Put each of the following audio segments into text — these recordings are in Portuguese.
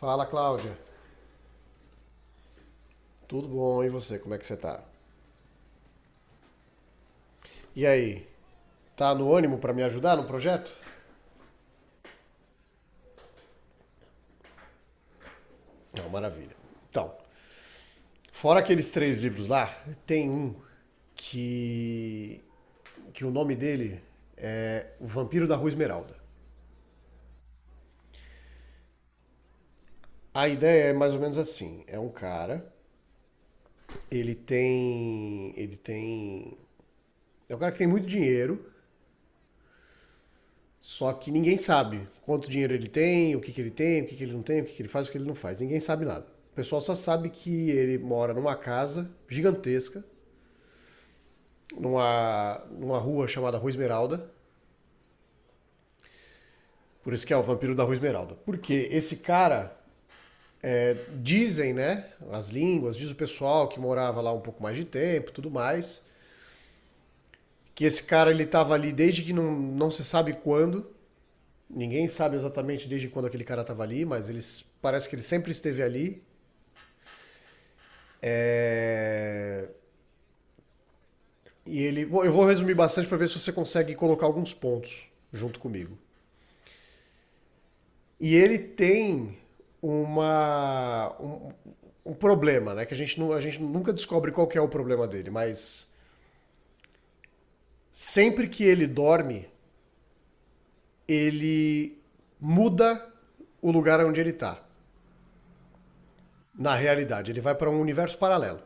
Fala, Cláudia. Tudo bom? E você? Como é que você tá? E aí? Tá no ânimo para me ajudar no projeto? Não, maravilha. Então, fora aqueles três livros lá, tem um que que o nome dele é O Vampiro da Rua Esmeralda. A ideia é mais ou menos assim, é um cara, ele tem é um cara que tem muito dinheiro. Só que ninguém sabe quanto dinheiro ele tem, o que que ele tem, o que que ele não tem, o que que ele faz, o que ele não faz. Ninguém sabe nada. O pessoal só sabe que ele mora numa casa gigantesca, numa rua chamada Rua Esmeralda. Por isso que é o vampiro da Rua Esmeralda. Porque esse cara, dizem, né, as línguas, diz o pessoal que morava lá um pouco mais de tempo e tudo mais, que esse cara ele estava ali desde que não se sabe quando. Ninguém sabe exatamente desde quando aquele cara estava ali, mas eles parece que ele sempre esteve ali. É. E ele, bom, eu vou resumir bastante para ver se você consegue colocar alguns pontos junto comigo. E ele tem uma. Um problema, né? Que a gente, não, a gente nunca descobre qual que é o problema dele, mas sempre que ele dorme, ele muda o lugar onde ele está. Na realidade, ele vai para um universo paralelo.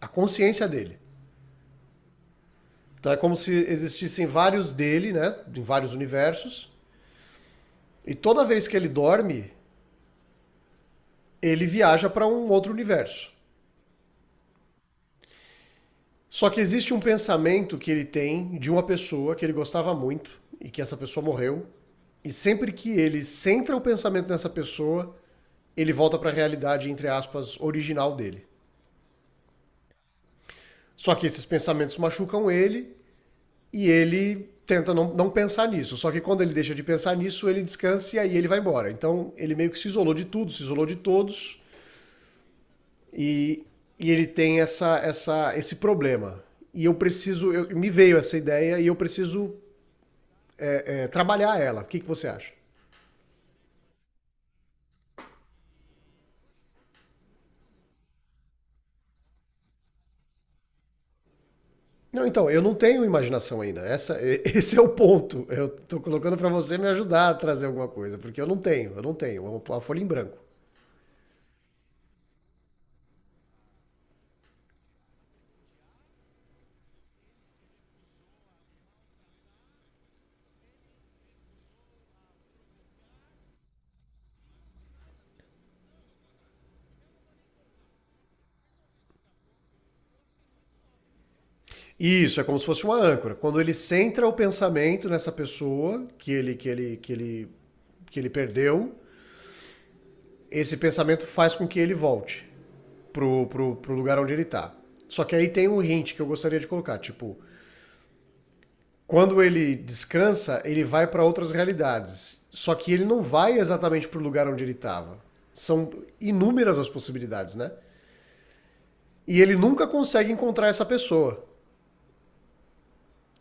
A consciência dele. Então é como se existissem vários dele, né? Em vários universos. E toda vez que ele dorme, ele viaja para um outro universo. Só que existe um pensamento que ele tem de uma pessoa que ele gostava muito e que essa pessoa morreu. E sempre que ele centra o pensamento nessa pessoa, ele volta para a realidade, entre aspas, original dele. Só que esses pensamentos machucam ele e ele tenta não pensar nisso. Só que quando ele deixa de pensar nisso, ele descansa e aí ele vai embora. Então ele meio que se isolou de tudo, se isolou de todos. E, e ele tem esse problema. E eu preciso, eu, me veio essa ideia e eu preciso, é, trabalhar ela. O que que você acha? Não, então, eu não tenho imaginação ainda. Essa, esse é o ponto. Eu estou colocando para você me ajudar a trazer alguma coisa, porque eu não tenho, eu não tenho. É uma folha em branco. Isso, é como se fosse uma âncora. Quando ele centra o pensamento nessa pessoa que ele que ele perdeu, esse pensamento faz com que ele volte. Pro lugar onde ele tá. Só que aí tem um hint que eu gostaria de colocar, tipo, quando ele descansa, ele vai para outras realidades. Só que ele não vai exatamente pro lugar onde ele tava. São inúmeras as possibilidades, né? E ele nunca consegue encontrar essa pessoa.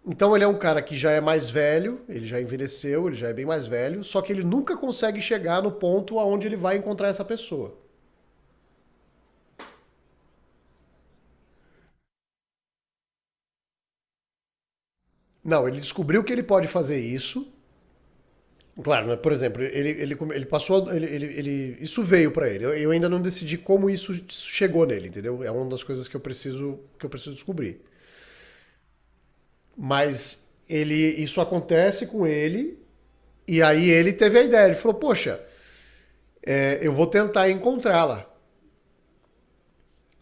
Então ele é um cara que já é mais velho, ele já envelheceu, ele já é bem mais velho, só que ele nunca consegue chegar no ponto aonde ele vai encontrar essa pessoa. Não, ele descobriu que ele pode fazer isso. Claro, né? Por exemplo, ele passou. Isso veio para ele. Eu ainda não decidi como isso chegou nele, entendeu? É uma das coisas que eu preciso descobrir. Mas ele, isso acontece com ele, e aí ele teve a ideia. Ele falou: Poxa, é, eu vou tentar encontrá-la.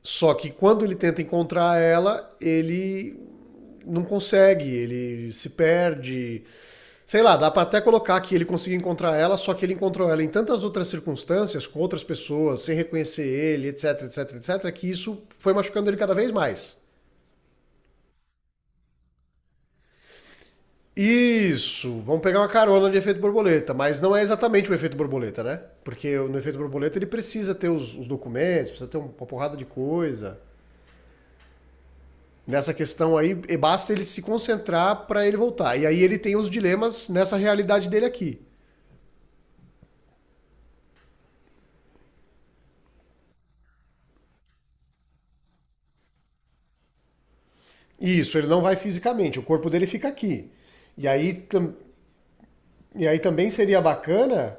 Só que quando ele tenta encontrar ela, ele não consegue, ele se perde. Sei lá, dá pra até colocar que ele conseguiu encontrar ela, só que ele encontrou ela em tantas outras circunstâncias, com outras pessoas, sem reconhecer ele, etc, etc, etc, que isso foi machucando ele cada vez mais. Isso, vamos pegar uma carona de efeito borboleta, mas não é exatamente o efeito borboleta, né? Porque no efeito borboleta ele precisa ter os documentos, precisa ter um, uma porrada de coisa. Nessa questão aí, basta ele se concentrar pra ele voltar. E aí ele tem os dilemas nessa realidade dele aqui. Isso, ele não vai fisicamente, o corpo dele fica aqui. E aí E aí também seria bacana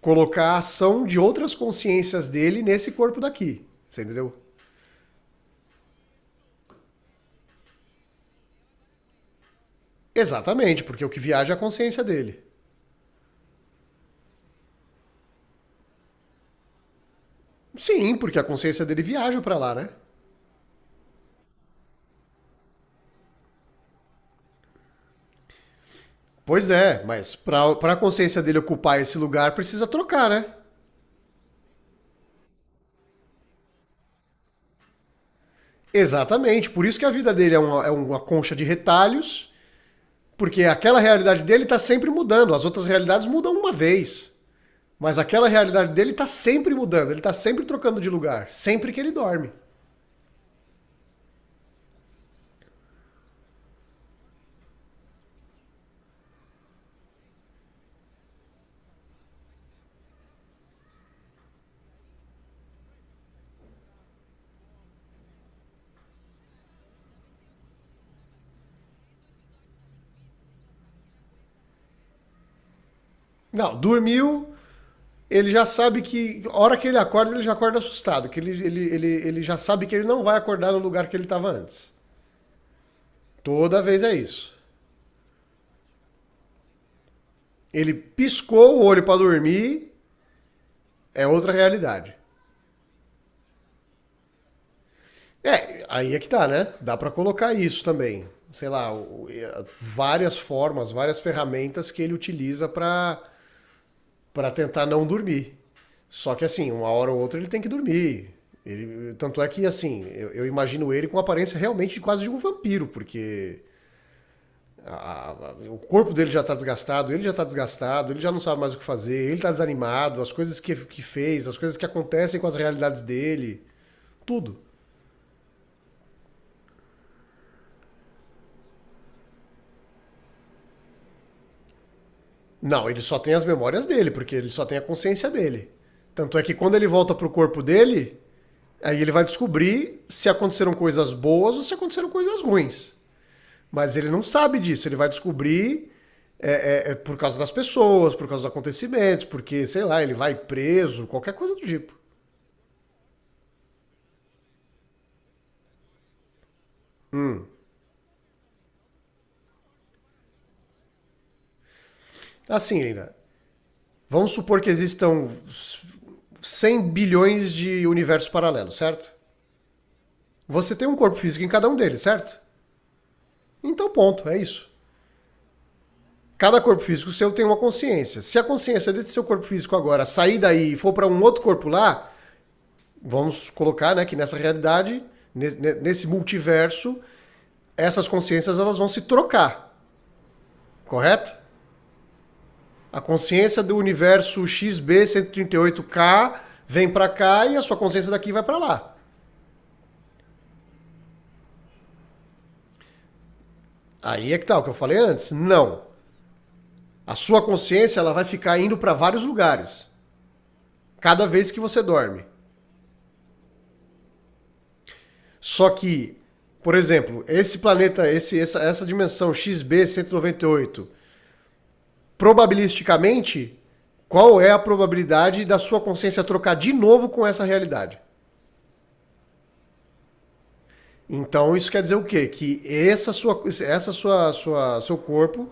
colocar a ação de outras consciências dele nesse corpo daqui. Você entendeu? Exatamente, porque o que viaja é a consciência dele. Sim, porque a consciência dele viaja pra lá, né? Pois é, mas pra consciência dele ocupar esse lugar precisa trocar, né? Exatamente, por isso que a vida dele é uma concha de retalhos, porque aquela realidade dele tá sempre mudando, as outras realidades mudam uma vez. Mas aquela realidade dele tá sempre mudando, ele tá sempre trocando de lugar, sempre que ele dorme. Não, dormiu, ele já sabe que. A hora que ele acorda, ele já acorda assustado. Que ele já sabe que ele não vai acordar no lugar que ele estava antes. Toda vez é isso. Ele piscou o olho para dormir, é outra realidade. É, aí é que tá, né? Dá para colocar isso também. Sei lá, várias formas, várias ferramentas que ele utiliza para tentar não dormir. Só que assim, uma hora ou outra ele tem que dormir. Ele, tanto é que assim, eu imagino ele com a aparência realmente de quase de um vampiro, porque o corpo dele já tá desgastado, ele já tá desgastado, ele já não sabe mais o que fazer, ele tá desanimado, as coisas que fez, as coisas que acontecem com as realidades dele, tudo. Não, ele só tem as memórias dele, porque ele só tem a consciência dele. Tanto é que quando ele volta pro corpo dele, aí ele vai descobrir se aconteceram coisas boas ou se aconteceram coisas ruins. Mas ele não sabe disso, ele vai descobrir, é por causa das pessoas, por causa dos acontecimentos, porque, sei lá, ele vai preso, qualquer coisa do tipo. Assim, ainda, vamos supor que existam 100 bilhões de universos paralelos, certo? Você tem um corpo físico em cada um deles, certo? Então, ponto, é isso. Cada corpo físico seu tem uma consciência. Se a consciência desse seu corpo físico agora sair daí e for para um outro corpo lá, vamos colocar né, que nessa realidade, nesse multiverso, essas consciências elas vão se trocar, correto? A consciência do universo XB138K vem para cá e a sua consciência daqui vai para lá. Aí é que tá o que eu falei antes. Não. A sua consciência ela vai ficar indo para vários lugares cada vez que você dorme. Só que, por exemplo, esse planeta, essa dimensão XB198, probabilisticamente, qual é a probabilidade da sua consciência trocar de novo com essa realidade? Então isso quer dizer o quê? Que seu corpo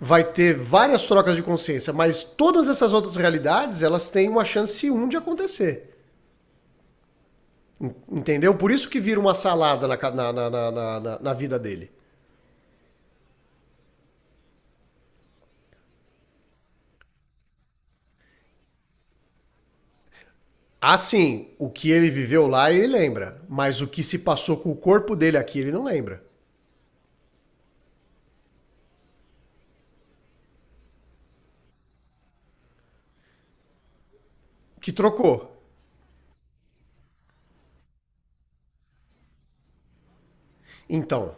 vai ter várias trocas de consciência, mas todas essas outras realidades elas têm uma chance um de acontecer, entendeu? Por isso que vira uma salada na vida dele. Assim, o que ele viveu lá ele lembra, mas o que se passou com o corpo dele aqui ele não lembra. Que trocou. Então,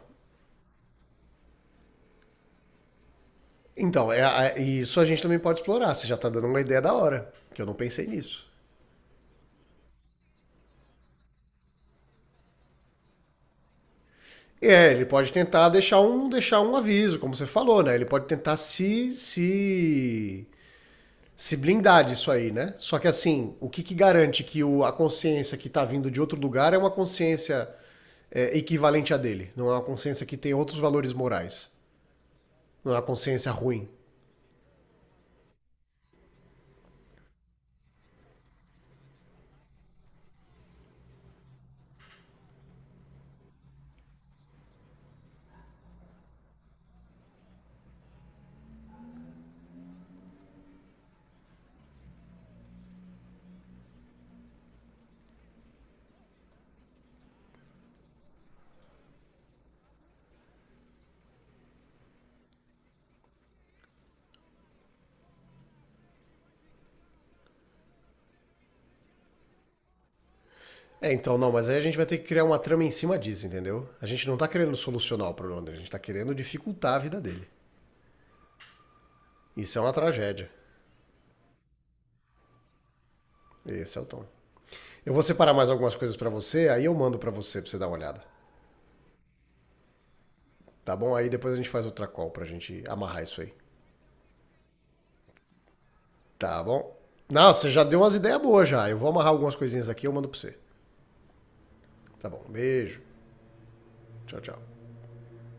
então é, é, isso a gente também pode explorar. Você já tá dando uma ideia da hora, que eu não pensei nisso. É, ele pode tentar deixar um aviso, como você falou, né? Ele pode tentar se blindar disso aí, né? Só que assim, o que que garante que o, a consciência que tá vindo de outro lugar é uma consciência, é, equivalente à dele? Não é uma consciência que tem outros valores morais. Não é uma consciência ruim. É, então não, mas aí a gente vai ter que criar uma trama em cima disso, entendeu? A gente não tá querendo solucionar o problema dele, a gente tá querendo dificultar a vida dele. Isso é uma tragédia. Esse é o tom. Eu vou separar mais algumas coisas para você, aí eu mando para você dar uma olhada. Tá bom? Aí depois a gente faz outra call pra gente amarrar isso aí. Tá bom? Não, você já deu umas ideias boas já. Eu vou amarrar algumas coisinhas aqui e eu mando pra você. Tá bom. Beijo. Tchau, tchau.